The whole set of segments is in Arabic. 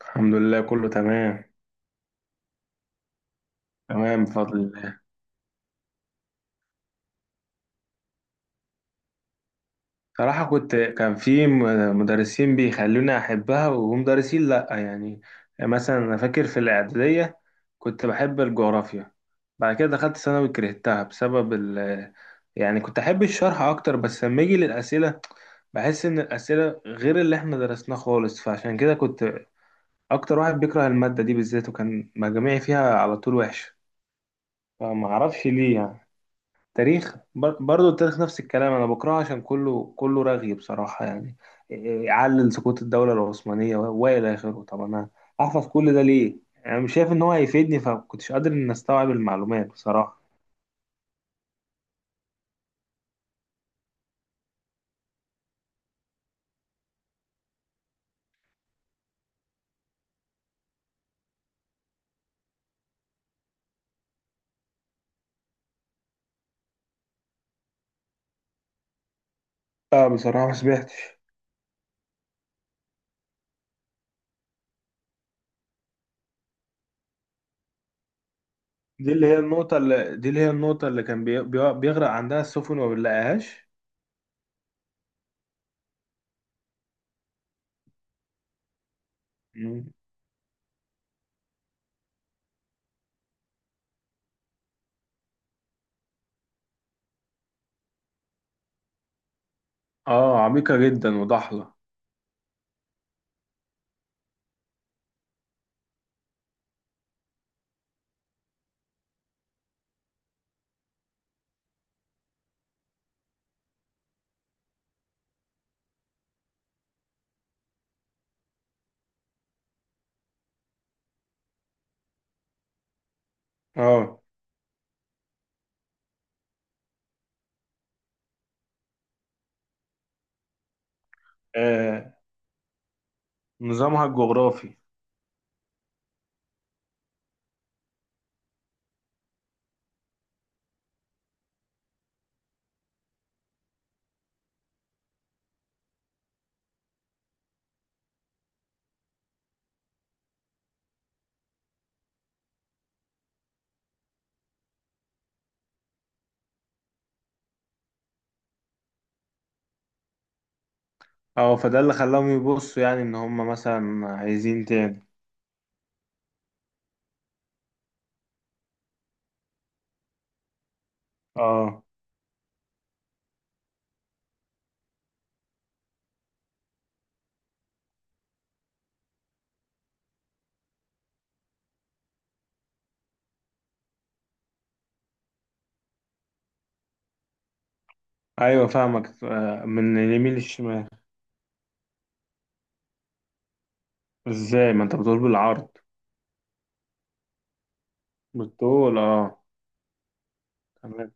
الحمد لله، كله تمام. تمام بفضل الله. صراحة كان في مدرسين بيخلوني أحبها، ومدرسين لأ. يعني مثلا أنا فاكر في الإعدادية كنت بحب الجغرافيا، بعد كده دخلت ثانوي كرهتها بسبب يعني كنت أحب الشرح أكتر، بس لما أجي للأسئلة بحس إن الأسئلة غير اللي إحنا درسناه خالص، فعشان كده كنت أكتر واحد بيكره المادة دي بالذات، وكان مجاميعي فيها على طول وحشة. فمعرفش ليه يعني. برضه التاريخ نفس الكلام، انا بكرهه عشان كله رغي بصراحه. يعني إيه، يعلل سقوط الدوله العثمانيه والى اخره. طب انا احفظ كل ده ليه؟ انا مش شايف ان هو هيفيدني، فكنتش قادر ان استوعب المعلومات بصراحه. لا بصراحة ما سمعتش. دي اللي هي النقطه اللي كان بيغرق عندها السفن وما بنلاقيهاش؟ مم. اه، عميقه جدا وضحله. اه. آه، نظامها الجغرافي. اه، فده اللي خلاهم يبصوا، يعني ان هم مثلا عايزين تاني. اه ايوه فاهمك. من اليمين للشمال. ازاي؟ ما انت بتقول بالعرض. بالطول اه. تمام.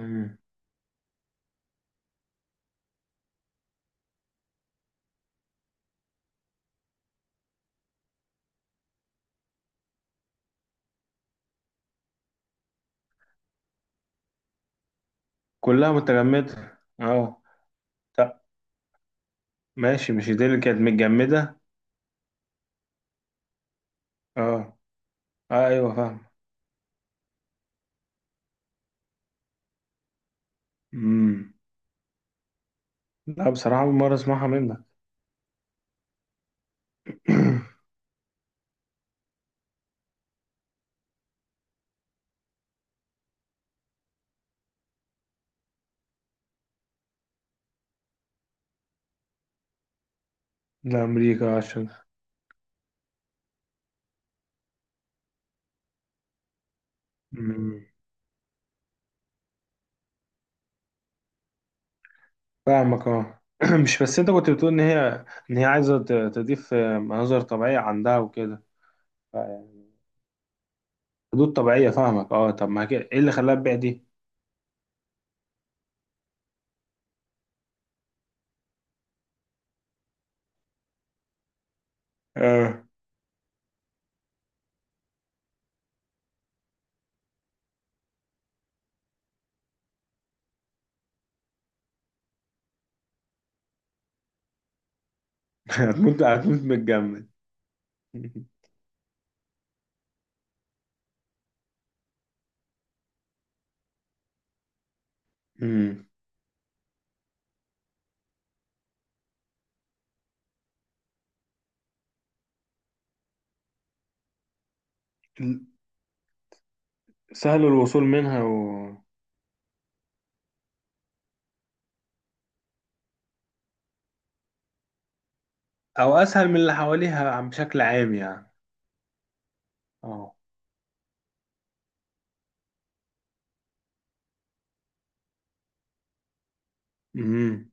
مم. كلها متجمدة اه. طب. ماشي، مش دي اللي كانت متجمدة؟ اه. آه، ايوه فاهم. مم. لا بصراحة أول مرة أسمعها منك. لأمريكا عشان. مم. فاهمك اه. مش بس أنت كنت بتقول إن هي عايزة تضيف مناظر طبيعية عندها وكده. آه، يعني حدود طبيعية. فاهمك اه. طب ما كده إيه اللي خلاها تبيع دي؟ اه. هتموت، هتموت متجمد. مم. سهل الوصول منها و... او اسهل من اللي حواليها بشكل عام يعني. اه. مم.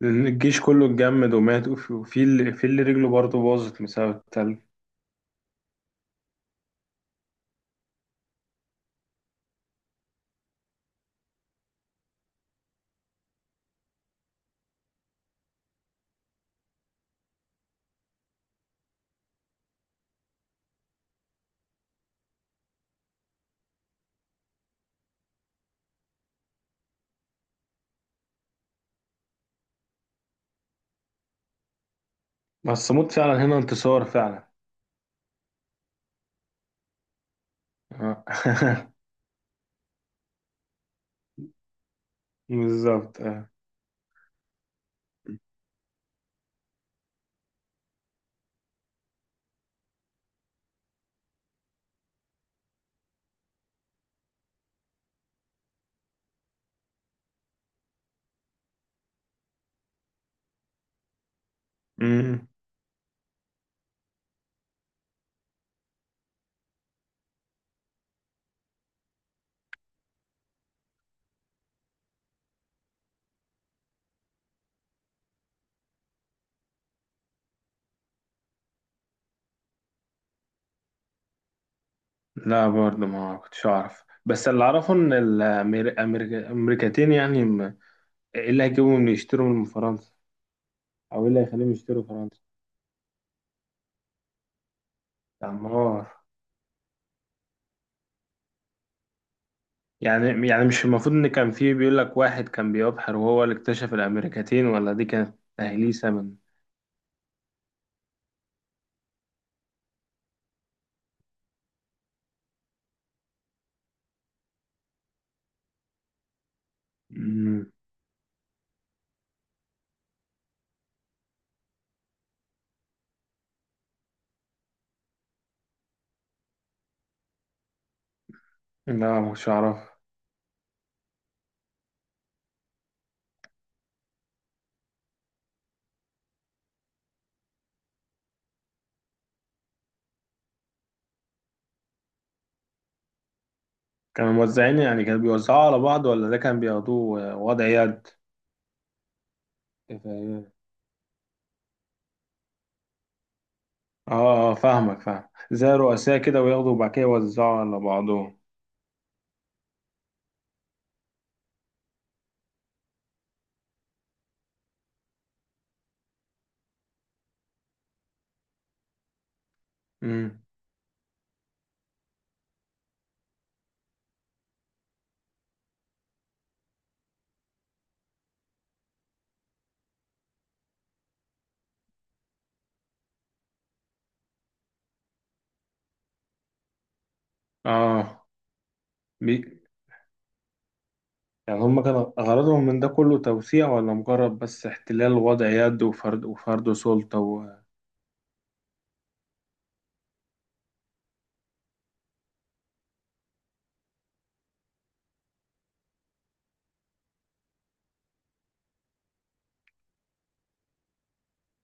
لان الجيش كله اتجمد ومات، وفي اللي رجله برضه باظت بسبب التلج. بس موت فعلا هنا انتصار فعلا. آه. بالظبط آه. مم. لا برضه ما كنتش اعرف، بس اللي اعرفه ان الامريكتين ايه اللي هيجيبهم يشتروا من فرنسا؟ او ايه اللي هيخليهم يشتروا فرنسا؟ دمار. يعني مش المفروض ان كان في بيقول لك واحد كان بيبحر وهو اللي اكتشف الامريكتين، ولا دي كانت تهليسة من... مم. لا مش عارف. كانوا موزعين، يعني كانوا بيوزعوا على بعض، ولا ده كان بياخدوه وضع يد؟ تفاهمين. اه اه، فاهمك، فاهم. زي رؤساء كده، وياخدوا وبعد كده يوزعوا على بعضهم. امم. اه بي... يعني هم كان غرضهم من ده كله توسيع، ولا مجرد بس احتلال وضع يد وفرض سلطة و...؟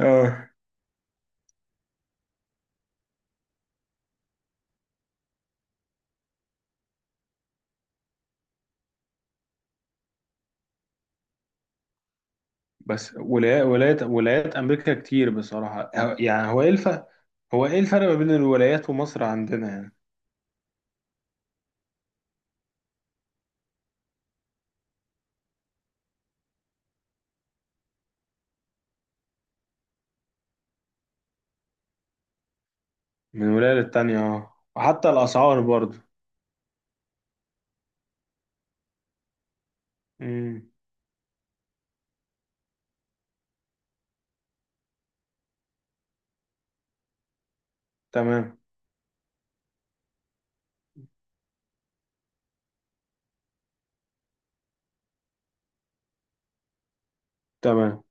اه. بس ولايات، ولايات ولايات امريكا كتير بصراحه، يعني هو ايه الفرق ما بين الولايات ومصر عندنا يعني؟ من ولايه للتانيه اه، وحتى الاسعار برضه. امم. تمام تمام.